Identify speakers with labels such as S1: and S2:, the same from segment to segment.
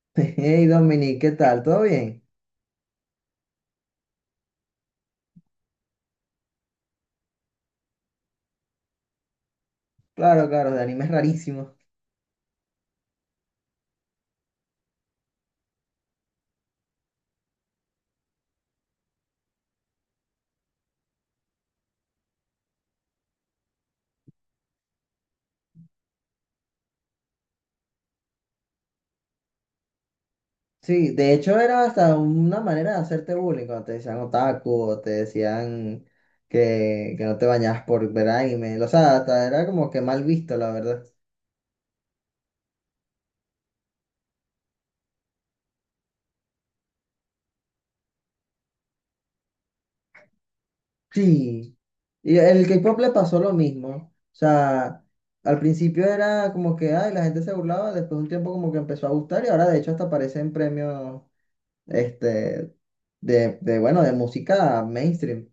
S1: Hey Dominic, ¿qué tal? ¿Todo bien? Claro, claro, de animes rarísimos. Sí, de hecho era hasta una manera de hacerte bullying cuando te decían otaku o te decían que no te bañabas por ver anime. O sea, hasta era como que mal visto, la verdad. Sí. Y el K-pop le pasó lo mismo. O sea, al principio era como que, ay, la gente se burlaba, después de un tiempo como que empezó a gustar y ahora de hecho hasta aparecen premios, este, bueno, de música mainstream.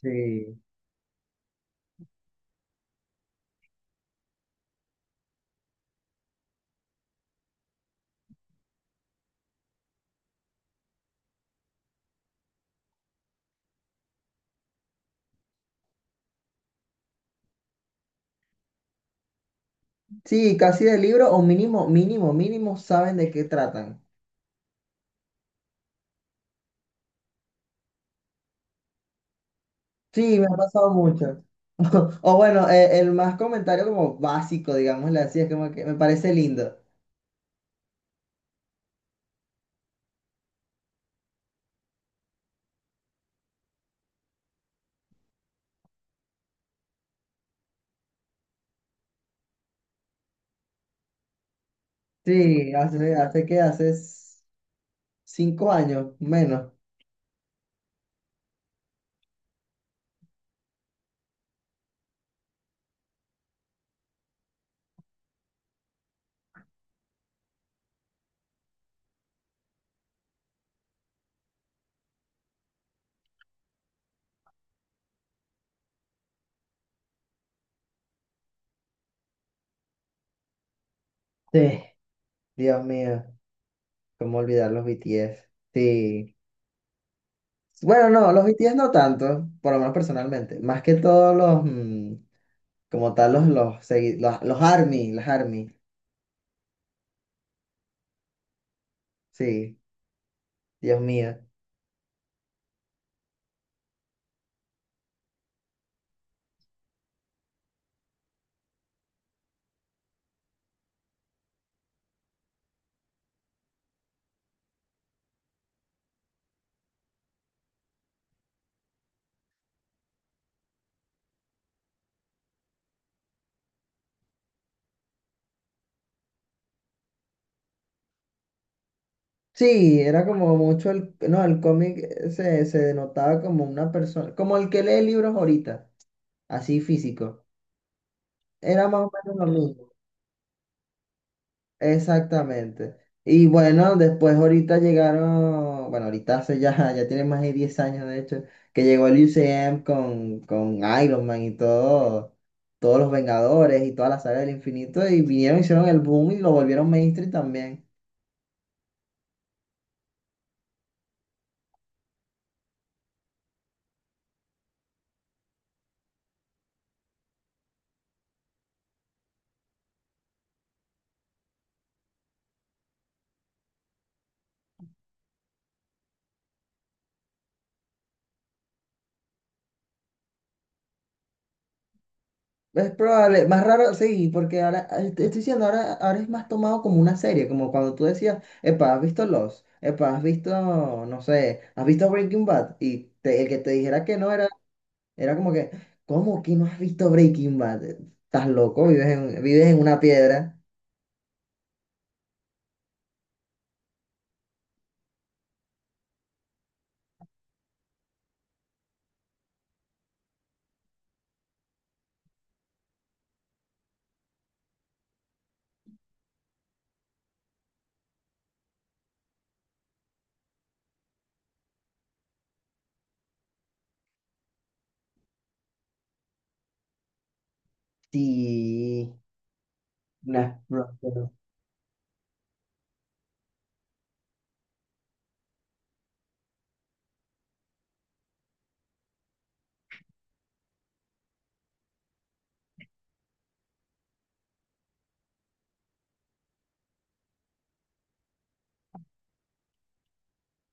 S1: Sí. Sí, casi de libro o mínimo, mínimo, mínimo saben de qué tratan. Sí, me ha pasado mucho. O bueno, el más comentario como básico, digámosle así, es como que me parece lindo. Sí, hace, hace que hace s- 5 años, menos. Sí, Dios mío, cómo olvidar los BTS. Sí. Bueno, no, los BTS no tanto, por lo menos personalmente. Más que todos los, como tal, los ARMY, las ARMY. Sí, Dios mío. Sí, era como mucho el, no, el cómic se denotaba como una persona, como el que lee libros ahorita, así físico. Era más o menos lo mismo. Exactamente. Y bueno, después ahorita llegaron, bueno, ahorita hace ya, ya tiene más de 10 años de hecho, que llegó el UCM con Iron Man y todo, todos los Vengadores y toda la saga del infinito y vinieron, hicieron el boom y lo volvieron mainstream también. Es probable, más raro, sí, porque ahora, te estoy diciendo, ahora es más tomado como una serie, como cuando tú decías, epa, ¿has visto Lost? Epa, ¿has visto, no sé, ¿has visto Breaking Bad? El que te dijera que no era, era como que, ¿cómo que no has visto Breaking Bad? Estás loco, vives en una piedra. Sí, nah, no, no.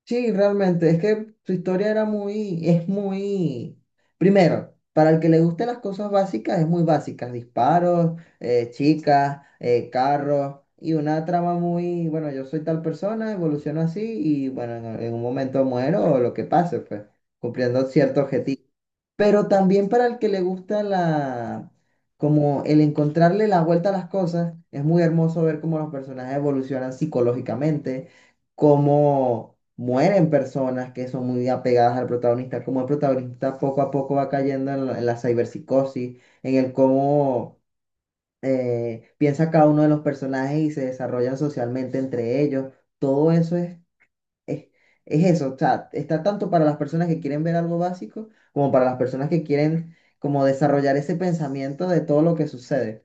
S1: Sí, realmente, es que su historia era muy, es muy, primero, para el que le gusten las cosas básicas, es muy básicas, disparos, chicas, carros, y una trama muy, bueno, yo soy tal persona, evoluciono así, y bueno, en un momento muero o lo que pase, pues, cumpliendo cierto objetivo. Pero también para el que le gusta la, como el encontrarle la vuelta a las cosas, es muy hermoso ver cómo los personajes evolucionan psicológicamente, cómo mueren personas que son muy apegadas al protagonista, cómo el protagonista poco a poco va cayendo en la ciberpsicosis, en el cómo piensa cada uno de los personajes y se desarrollan socialmente entre ellos. Todo eso es, es eso, o sea, está tanto para las personas que quieren ver algo básico como para las personas que quieren como desarrollar ese pensamiento de todo lo que sucede.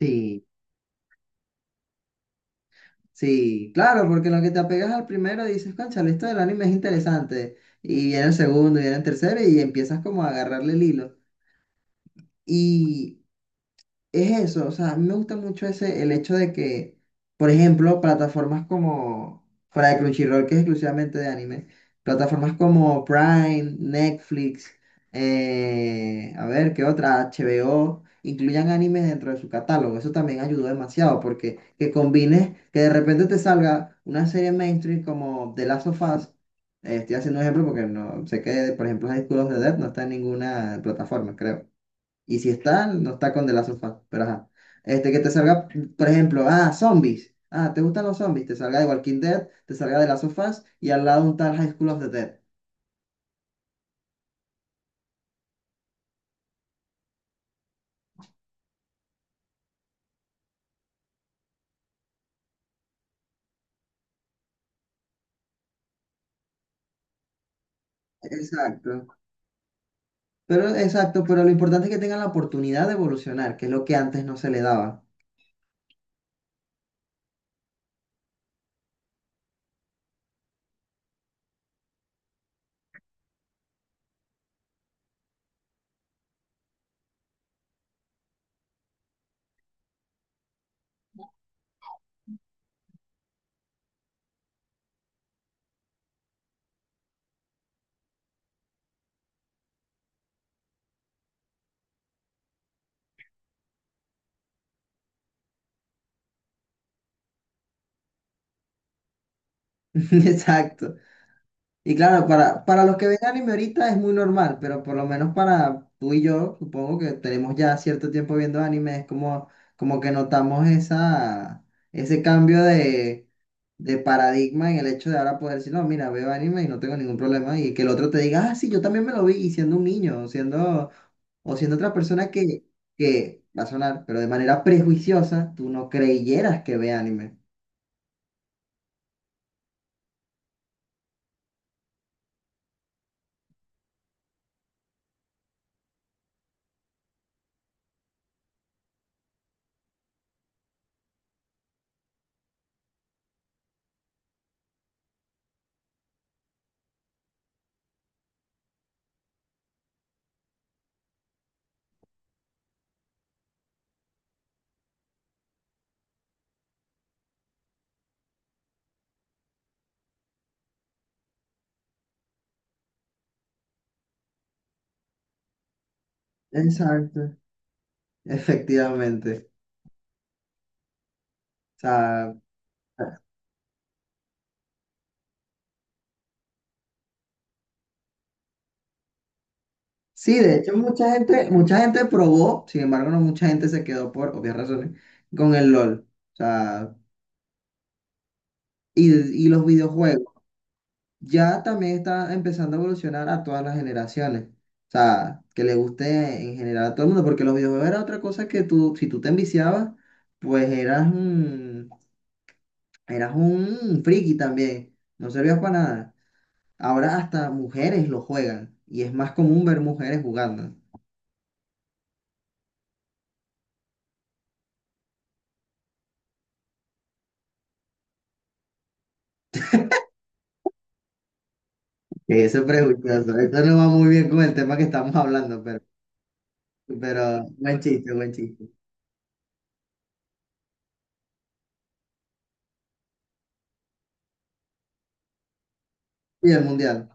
S1: Sí, sí, claro, porque en lo que te apegas al primero dices, cónchale, esto del anime es interesante. Y viene el segundo, y viene el tercero, y empiezas como a agarrarle el hilo. y Es eso, o sea, a mí me gusta mucho ese, el hecho de que, por ejemplo, plataformas como, fuera de Crunchyroll, que es exclusivamente de anime, plataformas como Prime, Netflix, a ver, ¿qué otra? HBO, incluyan animes dentro de su catálogo. Eso también ayudó demasiado, porque que combines, que de repente te salga una serie mainstream como The Last of Us, estoy haciendo un ejemplo porque no sé que, por ejemplo, High School of the Dead no está en ninguna plataforma, creo. Y si está, no está con de la sofá. Pero ajá. Este, que te salga, por ejemplo, ah, zombies. Ah, ¿te gustan los zombies? Te salga de Walking Dead, te salga de las of Us y al lado un tal High School of the Dead. Exacto. Pero, exacto, pero lo importante es que tengan la oportunidad de evolucionar, que es lo que antes no se le daba. Exacto. Y claro, para los que ven anime ahorita es muy normal, pero por lo menos para tú y yo, supongo que tenemos ya cierto tiempo viendo anime, es como, como que notamos esa, ese cambio de paradigma en el hecho de ahora poder decir, no, mira, veo anime y no tengo ningún problema, y que el otro te diga, ah, sí, yo también me lo vi, y siendo un niño, o siendo otra persona que va a sonar, pero de manera prejuiciosa, tú no creyeras que ve anime. Exacto, efectivamente. O sea, sí, de hecho mucha gente probó, sin embargo no mucha gente se quedó por obvias razones con el LOL. O sea, y los videojuegos. Ya también está empezando a evolucionar a todas las generaciones. O sea, que le guste en general a todo el mundo, porque los videojuegos era otra cosa que tú, si tú te enviciabas, pues eras un friki también. No servías para nada. Ahora hasta mujeres lo juegan y es más común ver mujeres jugando. Eso es prejuicioso. Esto no va muy bien con el tema que estamos hablando, pero buen chiste, buen chiste. Y el mundial.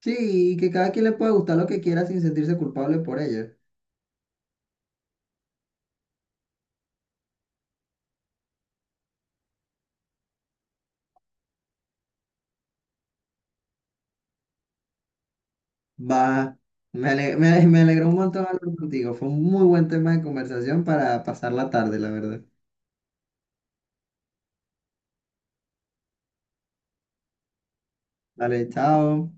S1: Sí, y que cada quien le puede gustar lo que quiera sin sentirse culpable por ello. Va. Me alegró un montón hablar contigo. Fue un muy buen tema de conversación para pasar la tarde, la verdad. Vale, chao.